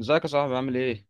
ازيك يا صاحبي، عامل ايه؟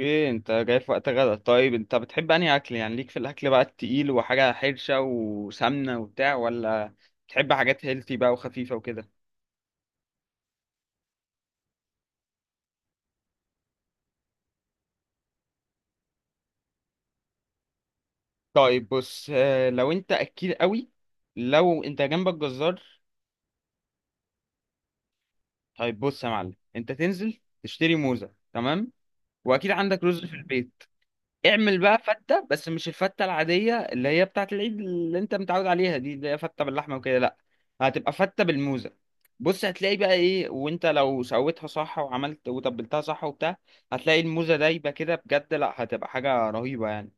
ايه انت جاي في وقت غدا؟ طيب، انت بتحب انهي اكل؟ يعني ليك في الاكل بقى التقيل وحاجة حرشة وسمنة وبتاع، ولا بتحب حاجات هيلثي بقى وخفيفة وكده؟ طيب بص، لو انت اكيل قوي، لو انت جنبك جزار، طيب بص يا معلم، انت تنزل تشتري موزة، تمام؟ واكيد عندك رز في البيت. اعمل بقى فتة، بس مش الفتة العادية اللي هي بتاعة العيد اللي انت متعود عليها، دي اللي هي فتة باللحمة وكده، لا، هتبقى فتة بالموزة. بص هتلاقي بقى ايه، وانت لو سويتها صح وعملت وتبلتها صح وبتاع، هتلاقي الموزة دايبة كده بجد، لا، هتبقى حاجة رهيبة يعني.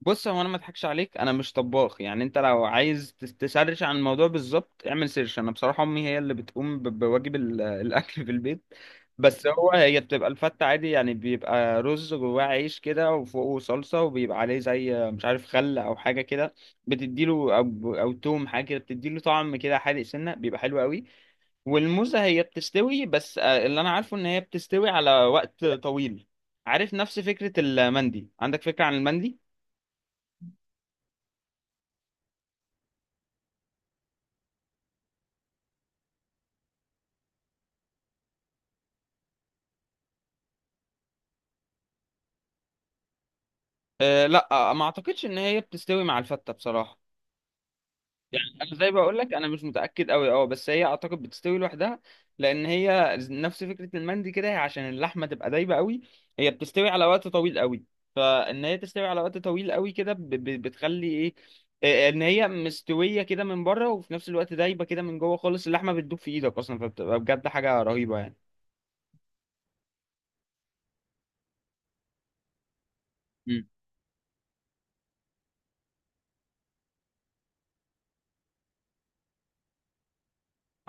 بص، هو انا ما اضحكش عليك، انا مش طباخ يعني، انت لو عايز تسرش عن الموضوع بالظبط، اعمل سيرش. انا بصراحه امي هي اللي بتقوم بواجب الاكل في البيت. بس هو هي بتبقى الفته عادي، يعني بيبقى رز جواه، عيش كده وفوقه صلصه، وبيبقى عليه زي مش عارف خل او حاجه كده، بتديله او توم حاجه كده، بتديله طعم كده حادق سنه، بيبقى حلو قوي. والموزه هي بتستوي، بس اللي انا عارفه ان هي بتستوي على وقت طويل. عارف نفس فكره المندي؟ عندك فكره عن المندي؟ أه، لا، ما اعتقدش ان هي بتستوي مع الفتة بصراحة. انا زي ما بقول لك، انا مش متأكد قوي، اه، بس هي اعتقد بتستوي لوحدها، لان هي نفس فكرة المندي كده، هي عشان اللحمة تبقى دايبة قوي، هي بتستوي على وقت طويل قوي. فان هي تستوي على وقت طويل قوي كده، بتخلي ايه، ان هي مستوية كده من بره وفي نفس الوقت دايبة كده من جوه خالص، اللحمة بتدوب في ايدك اصلا، فبتبقى بجد حاجة رهيبة يعني.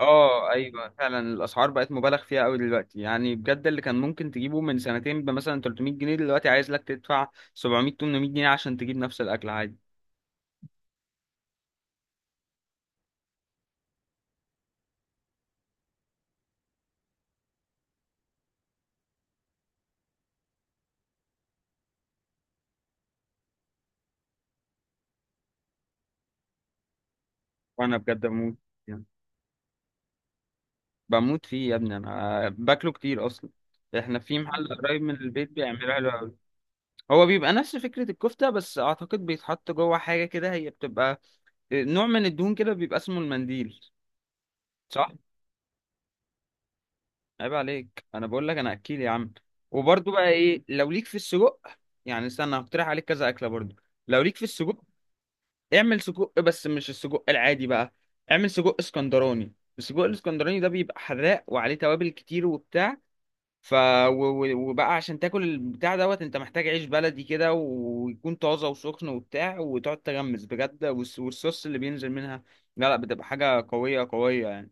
اه ايوه، فعلا الاسعار بقت مبالغ فيها قوي دلوقتي، يعني بجد اللي كان ممكن تجيبه من سنتين بمثلا 300 جنيه، دلوقتي عايز لك تدفع 700 800 جنيه عشان تجيب نفس الاكل عادي. وانا بجد بموت يعني، بموت فيه يا ابني، انا باكله كتير اصلا، احنا في محل قريب من البيت بيعمله حلو قوي. هو بيبقى نفس فكرة الكفتة، بس اعتقد بيتحط جوه حاجة كده، هي بتبقى نوع من الدهون كده، بيبقى اسمه المنديل، صح؟ عيب عليك، انا بقول لك انا اكيل يا عم. وبرضو بقى ايه، لو ليك في السجق، يعني استنى، هقترح عليك كذا اكله برضو، لو ليك في السجق، اعمل سجق، بس مش السجق العادي بقى، اعمل سجق اسكندراني. السجق الاسكندراني ده بيبقى حراق وعليه توابل كتير وبتاع، ف و- وبقى عشان تاكل البتاع دوت انت محتاج عيش بلدي كده، ويكون طازه وسخن وبتاع، وتقعد تغمس بجد، والصوص اللي بينزل منها، لا لا، بتبقى حاجه قويه قويه يعني.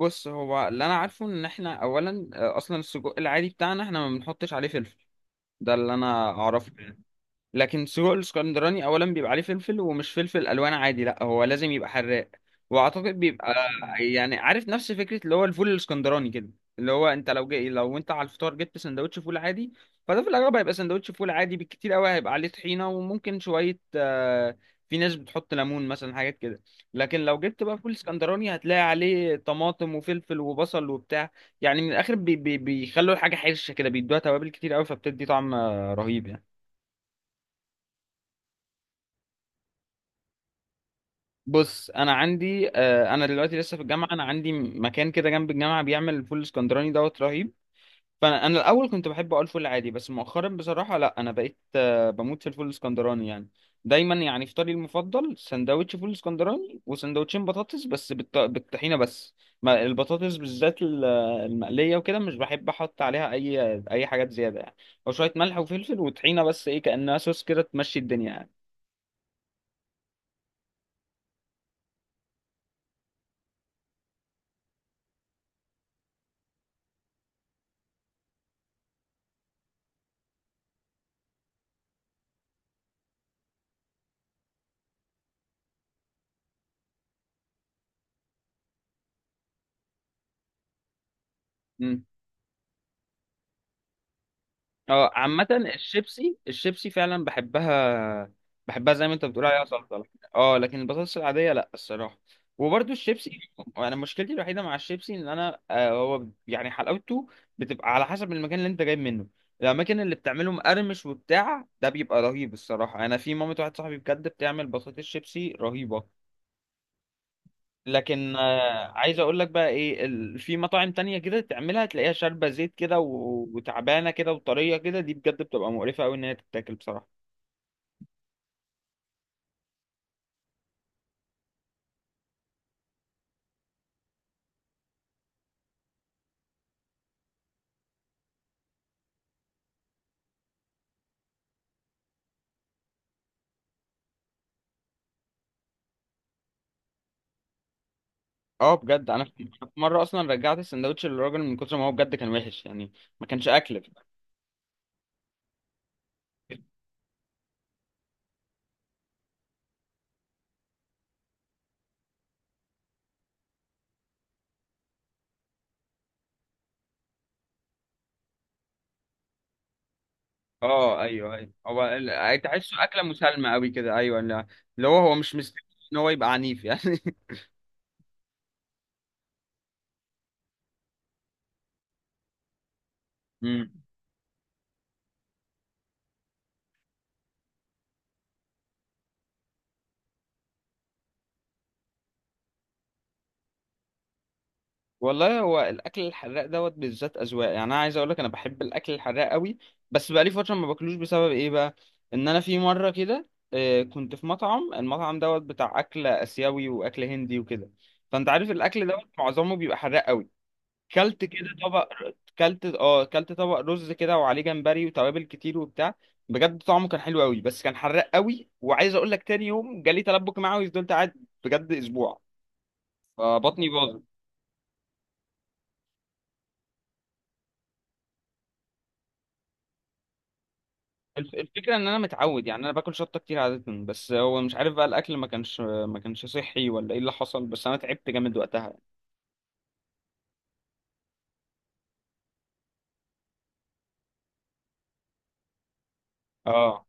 بص، هو اللي انا عارفه ان احنا اولا، اصلا السجق العادي بتاعنا احنا ما بنحطش عليه فلفل، ده اللي انا اعرفه يعني. لكن سجق الاسكندراني اولا بيبقى عليه فلفل، ومش فلفل الوان عادي، لا، هو لازم يبقى حراق، واعتقد بيبقى، يعني عارف نفس فكره اللي هو الفول الاسكندراني كده، اللي هو انت لو جاي لو انت على الفطار جبت سندوتش فول عادي، فده في الاغلب هيبقى سندوتش فول عادي، بالكتير قوي هيبقى عليه طحينه، وممكن شويه، في ناس بتحط ليمون مثلا، حاجات كده. لكن لو جبت بقى فول اسكندراني، هتلاقي عليه طماطم وفلفل وبصل وبتاع، يعني من الاخر بي بي بيخلوا الحاجه حرشه كده، بيدوها توابل كتير قوي، فبتدي طعم رهيب يعني. بص انا عندي، انا دلوقتي لسه في الجامعه، انا عندي مكان كده جنب الجامعه بيعمل الفول الاسكندراني دوت رهيب، فانا الاول كنت بحب اقول فول عادي، بس مؤخرا بصراحه، لا، انا بقيت بموت في الفول الاسكندراني يعني. دايما يعني فطاري المفضل سندوتش فول اسكندراني، وسندوتشين بطاطس بس بالطحينه بس. ما البطاطس بالذات المقليه وكده مش بحب احط عليها اي حاجات زياده يعني، او شويه ملح وفلفل وطحينه بس، ايه، كانها صوص كده تمشي الدنيا يعني. اه، عامة الشيبسي الشيبسي فعلا بحبها، بحبها زي ما انت بتقول عليها سلطة، اه لكن البطاطس العادية، لا، الصراحة، وبرضو الشيبسي. انا مشكلتي الوحيدة مع الشيبسي ان انا هو يعني حلاوته بتبقى على حسب المكان اللي انت جايب منه. الاماكن اللي بتعمله مقرمش وبتاع ده بيبقى رهيب الصراحة، انا في مامة واحد صاحبي بجد بتعمل بطاطس شيبسي رهيبة. لكن عايز اقول لك بقى ايه، في مطاعم تانية كده تعملها تلاقيها شاربة زيت كده، وتعبانة كده وطرية كده، دي بجد بتبقى مقرفة قوي ان هي تتاكل بصراحة. اه بجد انا في مرة اصلا رجعت السندوتش للراجل من كتر ما هو بجد كان وحش يعني، ما كانش اكل. اه ايوه ايوه، هو تحسه اكلة مسالمة قوي كده، ايوه، اللي هو مش مستني ان هو يبقى عنيف يعني. والله هو الاكل الحراق دوت بالذات اذواق، يعني انا عايز اقول لك انا بحب الاكل الحراق قوي، بس بقالي فتره ما باكلوش، بسبب ايه بقى؟ ان انا في مره كده كنت في مطعم، المطعم دوت بتاع اكل اسيوي واكل هندي وكده، فانت عارف الاكل دوت معظمه بيبقى حراق قوي. كلت كده طبق، كلت طبق رز كده وعليه جمبري وتوابل كتير وبتاع، بجد طعمه كان حلو قوي بس كان حراق قوي، وعايز اقول لك تاني يوم جالي تلبك معوي، فضلت قاعد بجد اسبوع، فبطني باظت. الفكرة ان انا متعود، يعني انا باكل شطة كتير عادة، بس هو مش عارف بقى الاكل ما كانش صحي، ولا ايه اللي حصل؟ بس انا تعبت جامد وقتها. اه،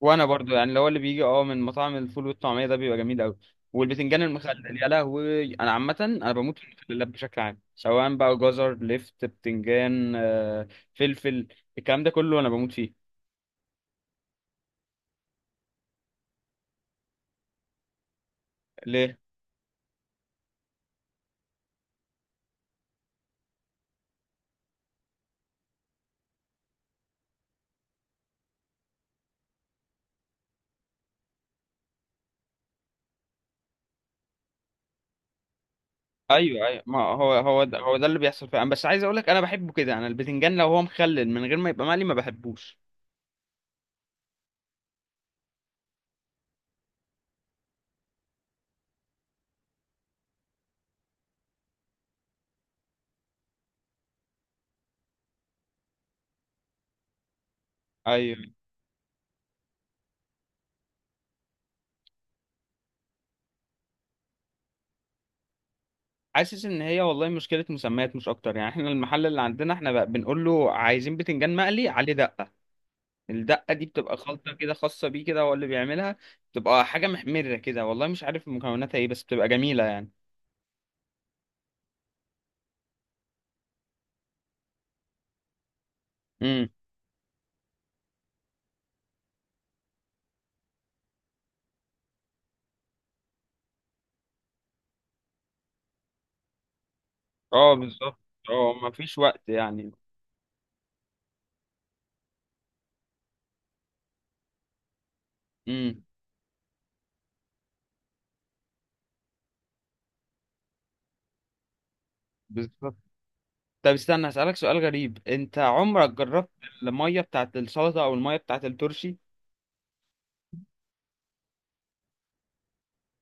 وانا برضو يعني، اللي هو اللي بيجي اه من مطاعم الفول والطعمية ده بيبقى جميل قوي، والبتنجان المخلل، يا لهوي، انا عامة انا بموت في المخللات بشكل عام، سواء بقى جزر، لفت، بتنجان، فلفل، الكلام ده كله انا بموت فيه. ليه؟ ايوه ايوه، ما هو هو ده هو ده اللي بيحصل فعلا، بس عايز اقول لك انا بحبه كده، انا البتنجان لو هو مخلل من غير ما يبقى مقلي ما بحبوش. ايوه، حاسس ان هي والله مشكله مسميات مش اكتر يعني. احنا المحل اللي عندنا احنا بقى بنقول له عايزين بتنجان مقلي عليه دقه، الدقه دي بتبقى خلطه كده خاصه بيه، كده هو اللي بيعملها، بتبقى حاجه محمره كده، والله مش عارف مكوناتها ايه، بس بتبقى جميله يعني. امم. اه بالظبط. اه، ما فيش وقت يعني. امم. بالظبط. طب استنى اسالك سؤال غريب، انت عمرك جربت الميه بتاعت السلطه او الميه بتاعت الترشي؟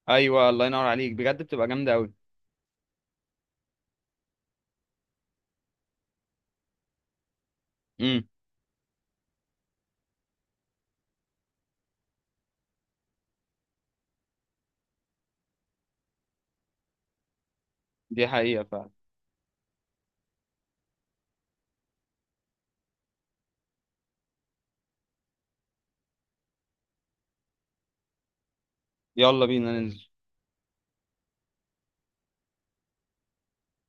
ايوه، الله ينور عليك، بجد بتبقى جامده قوي. امم. دي حقيقه فعلا. يلا بينا ننزل.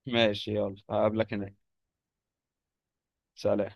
ماشي، يلا هقابلك هناك. سلام.